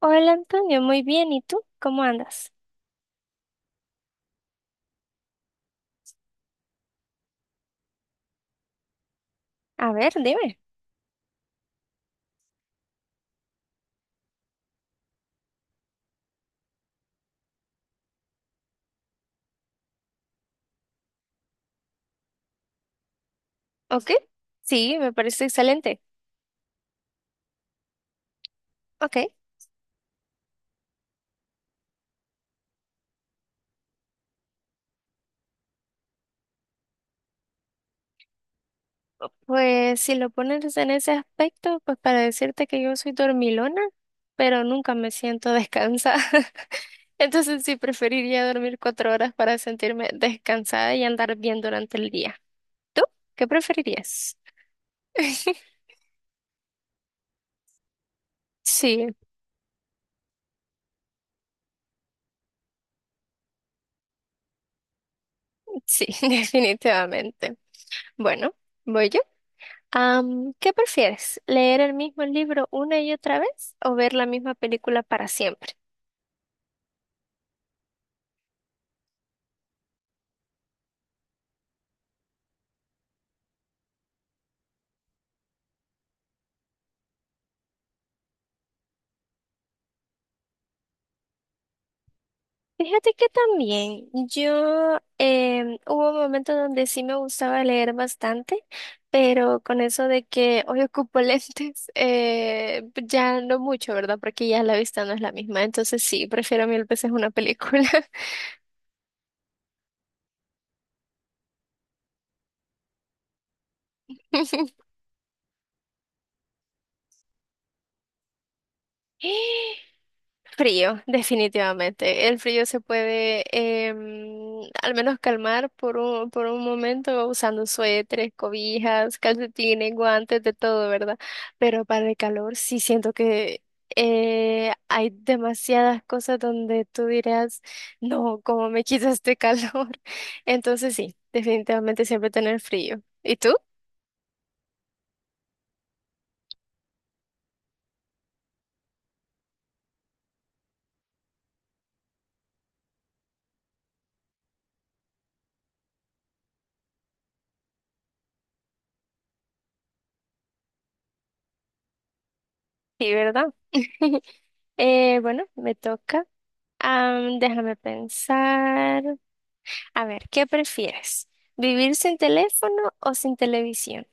Hola Antonio, muy bien. ¿Y tú? ¿Cómo andas? A ver, dime. ¿Ok? Sí, me parece excelente. Ok. Pues si lo pones en ese aspecto, pues para decirte que yo soy dormilona, pero nunca me siento descansada. Entonces sí preferiría dormir 4 horas para sentirme descansada y andar bien durante el día. ¿Tú? ¿Qué preferirías? Sí, sí, definitivamente. Bueno, voy yo. ¿Qué prefieres? ¿Leer el mismo libro una y otra vez o ver la misma película para siempre? Fíjate que también yo hubo un momento donde sí me gustaba leer bastante, pero con eso de que hoy ocupo lentes, ya no mucho, ¿verdad? Porque ya la vista no es la misma. Entonces sí, prefiero mil veces una película. Frío, definitivamente. El frío se puede al menos calmar por un momento usando suéteres, cobijas, calcetines, guantes, de todo, ¿verdad? Pero para el calor sí siento que hay demasiadas cosas donde tú dirás, no, ¿cómo me quita este calor? Entonces sí, definitivamente siempre tener frío. ¿Y tú? Sí, ¿verdad? Bueno, me toca. Déjame pensar. A ver, ¿qué prefieres? ¿Vivir sin teléfono o sin televisión?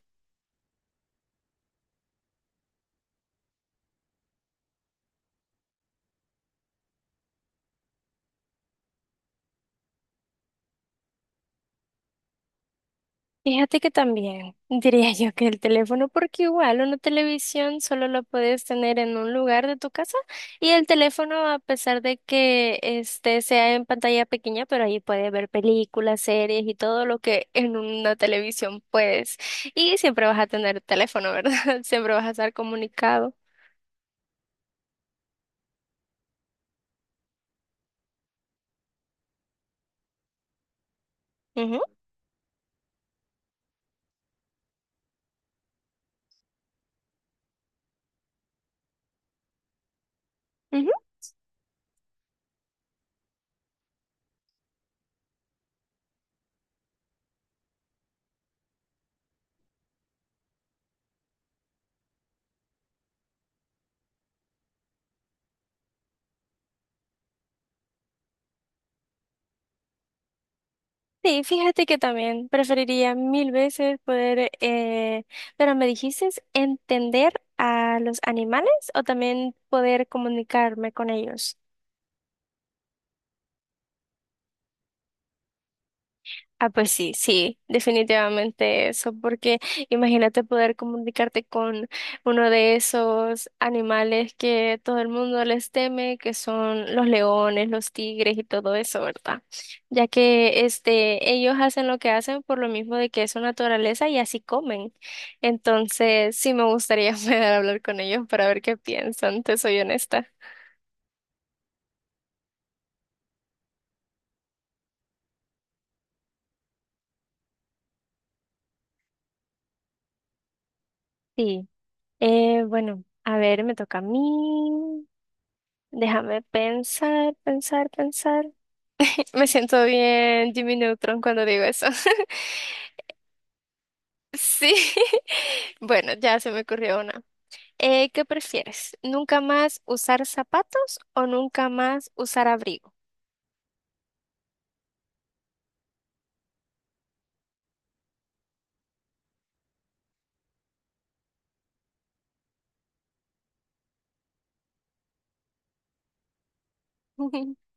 Fíjate que también diría yo que el teléfono, porque igual una televisión solo lo puedes tener en un lugar de tu casa y el teléfono, a pesar de que este sea en pantalla pequeña, pero ahí puedes ver películas, series y todo lo que en una televisión puedes. Y siempre vas a tener teléfono, ¿verdad? Siempre vas a estar comunicado. Ujú, ujú. Sí, fíjate que también preferiría mil veces poder, pero me dijiste entender a los animales o también poder comunicarme con ellos. Ah, pues sí, sí, definitivamente eso, porque imagínate poder comunicarte con uno de esos animales que todo el mundo les teme, que son los leones, los tigres y todo eso, ¿verdad? Ya que este, ellos hacen lo que hacen por lo mismo de que es su naturaleza y así comen. Entonces, sí me gustaría poder hablar con ellos para ver qué piensan, te soy honesta. Sí, bueno, a ver, me toca a mí. Déjame pensar, pensar, pensar. Me siento bien Jimmy Neutron cuando digo eso. Sí. Bueno, ya se me ocurrió una. ¿Qué prefieres? ¿Nunca más usar zapatos o nunca más usar abrigo?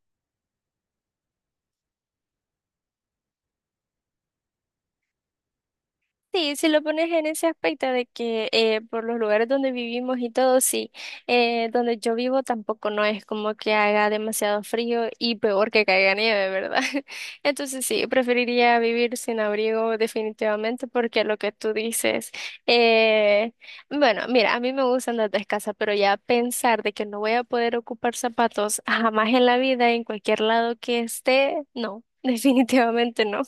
Sí, si lo pones en ese aspecto de que por los lugares donde vivimos y todo, sí, donde yo vivo tampoco no es como que haga demasiado frío y peor que caiga nieve, ¿verdad? Entonces sí, preferiría vivir sin abrigo definitivamente porque lo que tú dices, eh, bueno, mira, a mí me gusta andar descalza, pero ya pensar de que no voy a poder ocupar zapatos jamás en la vida, en cualquier lado que esté, no, definitivamente no.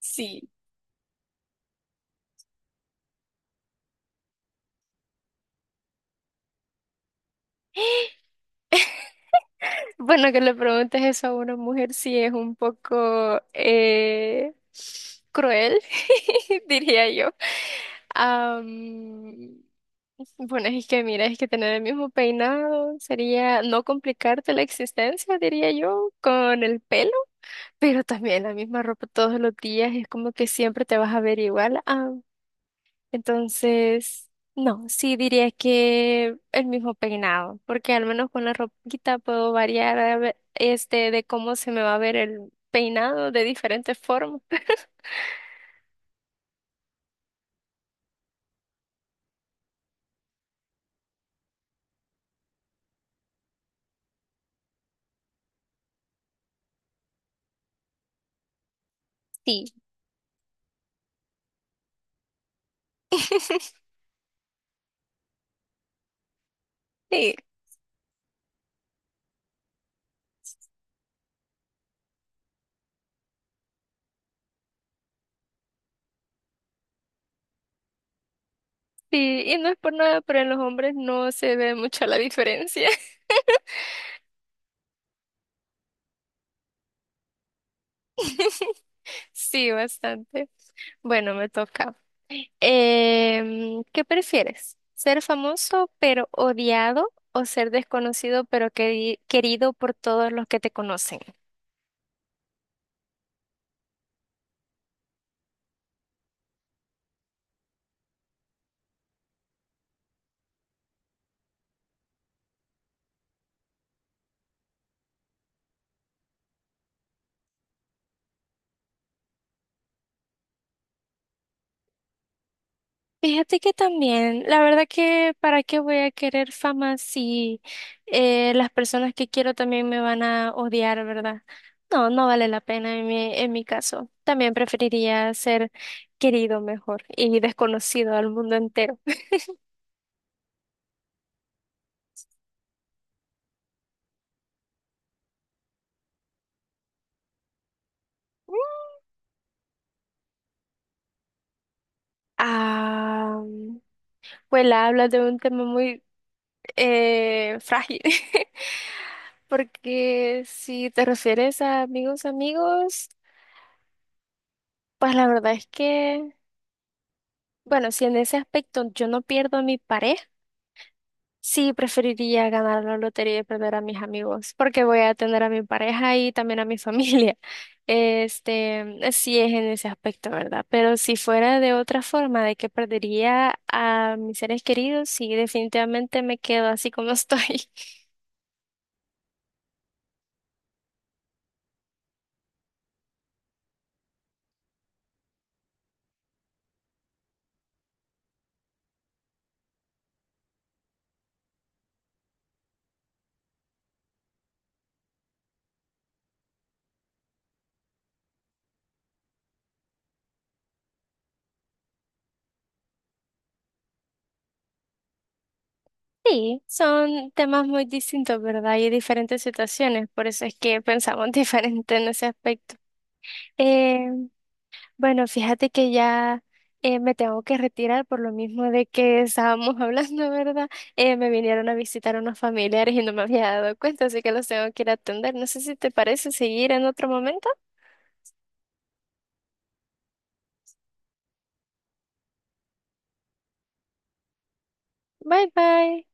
Sí. Bueno, que le preguntes eso a una mujer sí es un poco cruel, diría yo. Am, bueno, es que mira, es que tener el mismo peinado sería no complicarte la existencia, diría yo, con el pelo, pero también la misma ropa todos los días es como que siempre te vas a ver igual. Entonces, no, sí diría que el mismo peinado, porque al menos con la ropita puedo variar este de cómo se me va a ver el peinado de diferentes formas. Sí, sí, sí, y no es por nada, pero en los hombres no se ve mucho la diferencia. Sí, bastante. Bueno, me toca. ¿Qué prefieres? ¿Ser famoso pero odiado o ser desconocido pero querido por todos los que te conocen? Fíjate que también, la verdad que para qué voy a querer fama si las personas que quiero también me van a odiar, ¿verdad? No, no vale la pena en mi caso. También preferiría ser querido mejor y desconocido al mundo entero. Ah, pues la hablas de un tema muy frágil, porque si te refieres a amigos, amigos, pues la verdad es que. Bueno, si en ese aspecto yo no pierdo a mi pareja, sí preferiría ganar la lotería y perder a mis amigos, porque voy a tener a mi pareja y también a mi familia. Este, sí es en ese aspecto, ¿verdad? Pero si fuera de otra forma, de que perdería a mis seres queridos, sí, definitivamente me quedo así como estoy. Sí, son temas muy distintos, ¿verdad? Y diferentes situaciones, por eso es que pensamos diferente en ese aspecto. Eh, Bueno, fíjate que ya me tengo que retirar por lo mismo de que estábamos hablando, ¿verdad? Me vinieron a visitar unos familiares y no me había dado cuenta, así que los tengo que ir a atender. No sé si te parece seguir en otro momento. Bye bye.